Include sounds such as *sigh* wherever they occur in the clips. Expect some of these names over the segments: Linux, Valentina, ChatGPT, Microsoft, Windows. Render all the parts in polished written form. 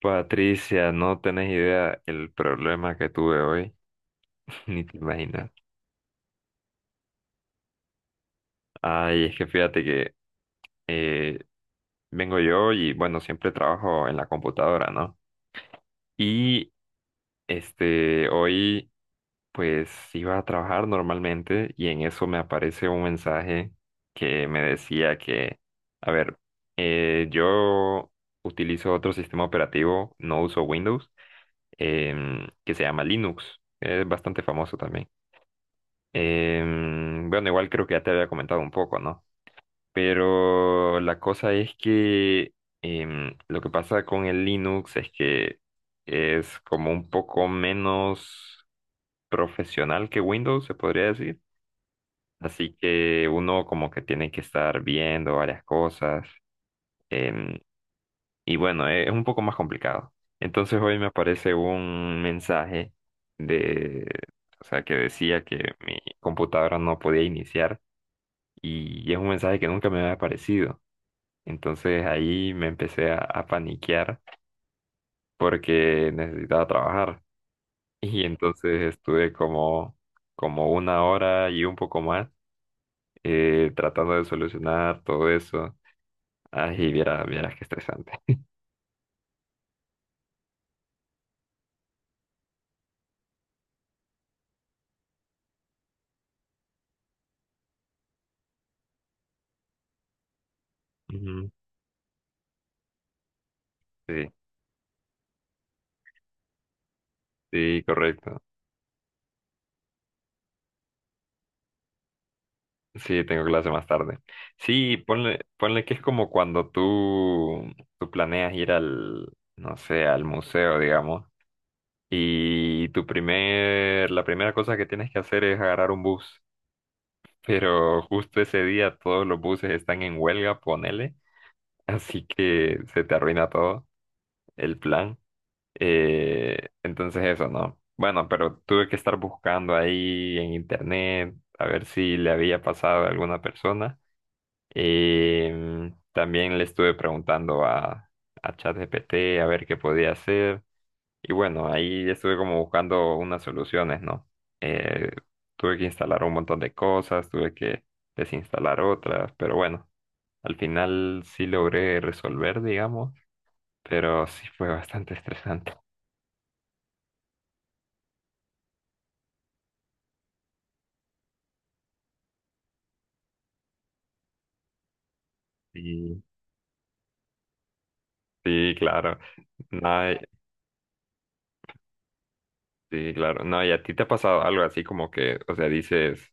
Patricia, no tenés idea el problema que tuve hoy, *laughs* ni te imaginas. Ay, es que fíjate que eh, vengo yo y bueno, siempre trabajo en la computadora, ¿no? Y este, hoy pues iba a trabajar normalmente y en eso me aparece un mensaje que me decía que, a ver, yo utilizo otro sistema operativo, no uso Windows, que se llama Linux, es bastante famoso también. Bueno, igual creo que ya te había comentado un poco, ¿no? Pero la cosa es que lo que pasa con el Linux es que es como un poco menos profesional que Windows, se podría decir. Así que uno como que tiene que estar viendo varias cosas. em, y bueno, es un poco más complicado. Entonces hoy me aparece un mensaje de, o sea, que decía que mi computadora no podía iniciar y es un mensaje que nunca me había aparecido. Entonces ahí me empecé a paniquear porque necesitaba trabajar. *laughs* Y entonces estuve como una hora y un poco más tratando de solucionar todo eso. Ay, y vieras, vieras qué estresante. Ujú. Sí, sí, correcto. Sí, tengo clase más tarde. Sí, ponle, ponle que es como cuando tú planeas ir no sé, al museo, digamos. Y la primera cosa que tienes que hacer es agarrar un bus. Pero justo ese día todos los buses están en huelga, ponele. *laughs* Así que se te arruina todo el plan. Entonces eso, ¿no? Bueno, pero tuve que estar buscando ahí en internet a ver si le había pasado a alguna persona. También le estuve preguntando a ChatGPT a ver qué podía hacer. Y bueno, ahí estuve como buscando unas soluciones, ¿no? Eh, tuve que instalar un montón de cosas, tuve que desinstalar otras, pero bueno, al final sí logré resolver, digamos, pero sí fue bastante *laughs* estresante. Sí, sí, claro. No, sí, claro. No, ¿y a ti te ha pasado algo así como que, o sea, dices,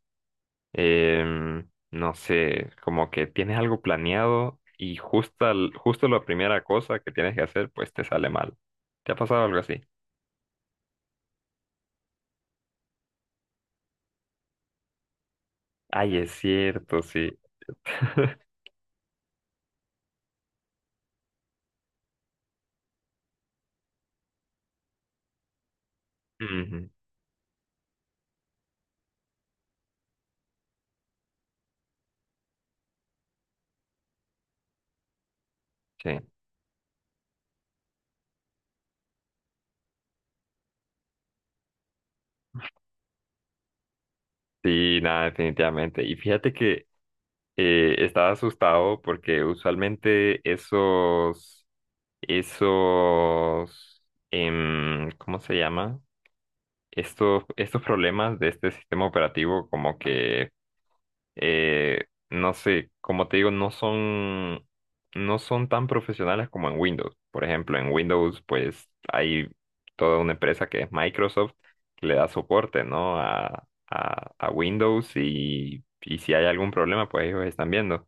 no sé, como que tienes algo planeado y justo, al justo la primera cosa que tienes que hacer, pues te sale mal? ¿Te ha pasado algo así? Ay, es cierto, sí. *laughs* Ujú. Sí, sí, nada, definitivamente. Y fíjate que estaba asustado porque usualmente esos, esos, ¿cómo se llama? Estos problemas de este sistema operativo como que no sé, como te digo, no son tan profesionales como en Windows. Por ejemplo, en Windows, pues hay toda una empresa que es Microsoft que le da soporte, ¿no? A Windows y si hay algún problema, pues ellos están viendo.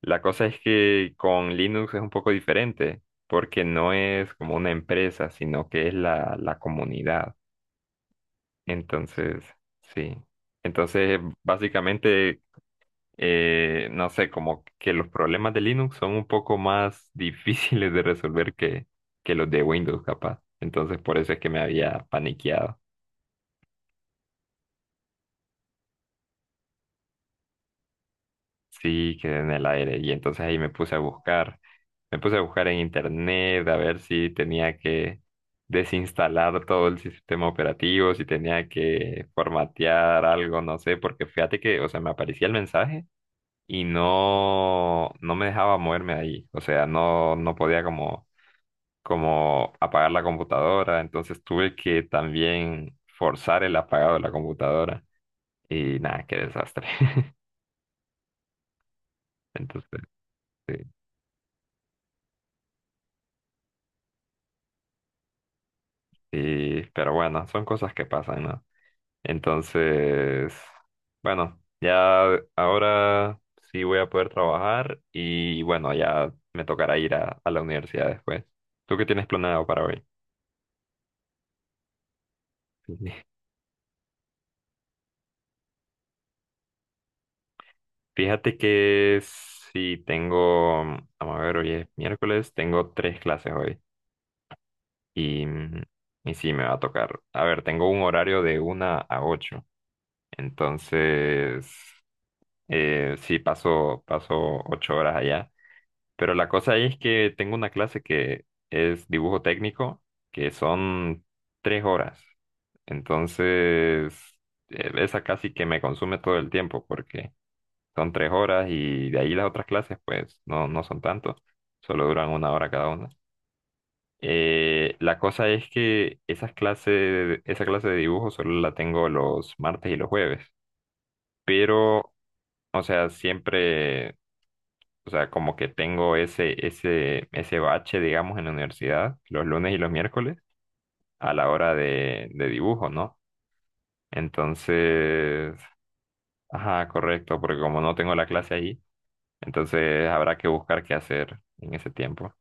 La cosa es que con Linux es un poco diferente, porque no es como una empresa, sino que es la comunidad. Entonces, sí. Entonces, básicamente no sé, como que los problemas de Linux son un poco más *laughs* difíciles de resolver que los de Windows, capaz. Entonces, por eso es que me había paniqueado. Sí, quedé en el aire. Y entonces ahí me puse a buscar. Me puse a buscar en internet a ver si tenía que desinstalar todo el sistema operativo, si tenía que formatear algo, no sé, porque fíjate que, o sea, me aparecía el mensaje y no me dejaba moverme de ahí. O sea, no podía como apagar la computadora, entonces tuve que también forzar el apagado de la computadora y nada, qué desastre. *laughs* Entonces, sí, pero bueno, son cosas que pasan, ¿no? Entonces, bueno, ya ahora sí voy a poder trabajar y bueno, ya me tocará ir a la universidad después. ¿Tú qué tienes planeado para hoy? *laughs* Fíjate que sí tengo, vamos a ver, hoy es miércoles, tengo tres clases hoy. Y, mm, y sí, me va a tocar. A ver, tengo un horario de 1 a 8. Entonces, sí, paso 8 horas allá. Pero la cosa ahí es que tengo una clase que es dibujo técnico, que son 3 horas. Entonces, esa casi que me consume todo el tiempo, porque son 3 horas y de ahí las otras clases, pues, no son tanto. Solo duran una hora cada una. La cosa es que esa clase de dibujo solo la tengo los martes y los jueves, pero, o sea, siempre, o sea, como que tengo ese bache, digamos, en la universidad, los lunes y los miércoles, a la hora de dibujo, ¿no? Entonces, ajá, correcto, porque como no tengo la clase ahí, entonces habrá que buscar qué hacer en ese tiempo.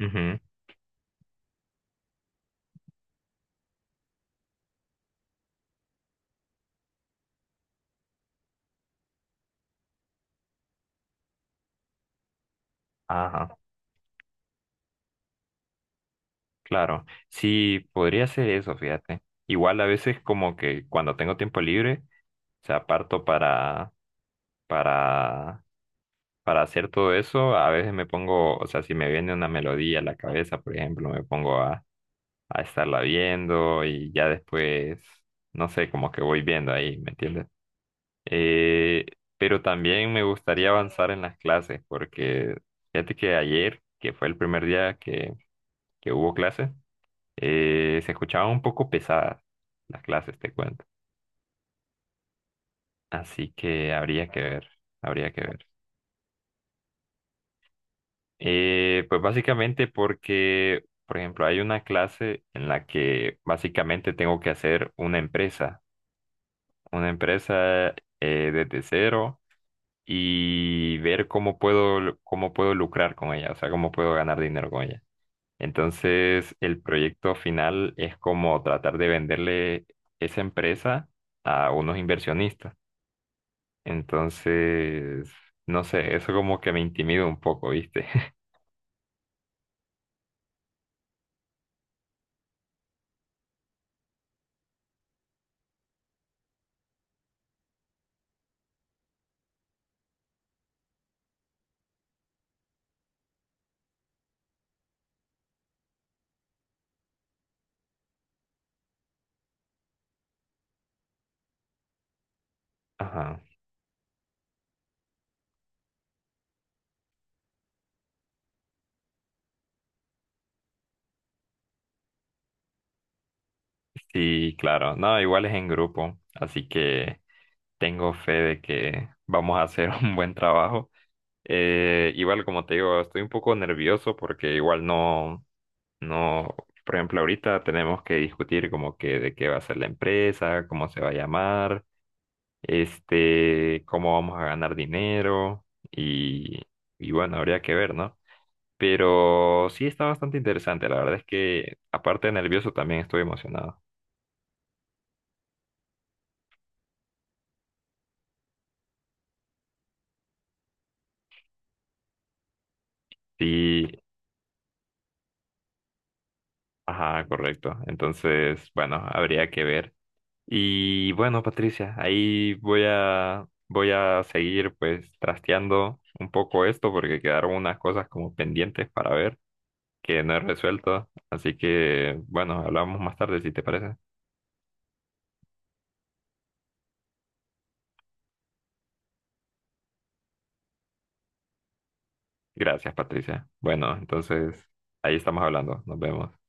Ujú. Ajá. Claro, sí, podría ser eso, fíjate. Igual a veces como que cuando tengo tiempo libre, o sea, parto para, para hacer todo eso, a veces me pongo, o sea, si me viene una melodía a la cabeza, por ejemplo, me pongo a estarla viendo y ya después, no sé, como que voy viendo ahí, ¿me entiendes? Eh, pero también me gustaría avanzar en las clases, porque fíjate que ayer, que fue el primer día que hubo clases. Se escuchaba un poco pesada las clases, te cuento. Así que habría que ver, habría que ver. Pues básicamente porque, por ejemplo, hay una clase en la que básicamente tengo que hacer una empresa desde cero y ver cómo puedo, lucrar con ella, o sea, cómo puedo ganar dinero con ella. Entonces, el proyecto final es como tratar de venderle esa empresa a unos inversionistas. Entonces, no sé, eso como que me intimida un poco, ¿viste? *laughs* Ajá. Sí, claro. No, igual es en grupo, así que tengo fe de que vamos a hacer *laughs* un buen trabajo. Igual, como te digo, estoy un poco nervioso porque igual no, no, por ejemplo, ahorita tenemos que discutir como que de qué va a ser la empresa, cómo se va a llamar, este, cómo vamos a ganar dinero y, y bueno, habría que ver, ¿no? Pero sí está bastante interesante. La verdad es que, aparte de nervioso, también estoy emocionado. Sí, ajá, correcto. Entonces, bueno, habría que ver. Y bueno, Patricia, ahí voy a seguir pues trasteando un poco esto porque quedaron unas cosas como pendientes para ver que no he resuelto. Así que, bueno, hablamos más tarde si te parece. Gracias, Patricia. Bueno, entonces, ahí estamos hablando. Nos vemos.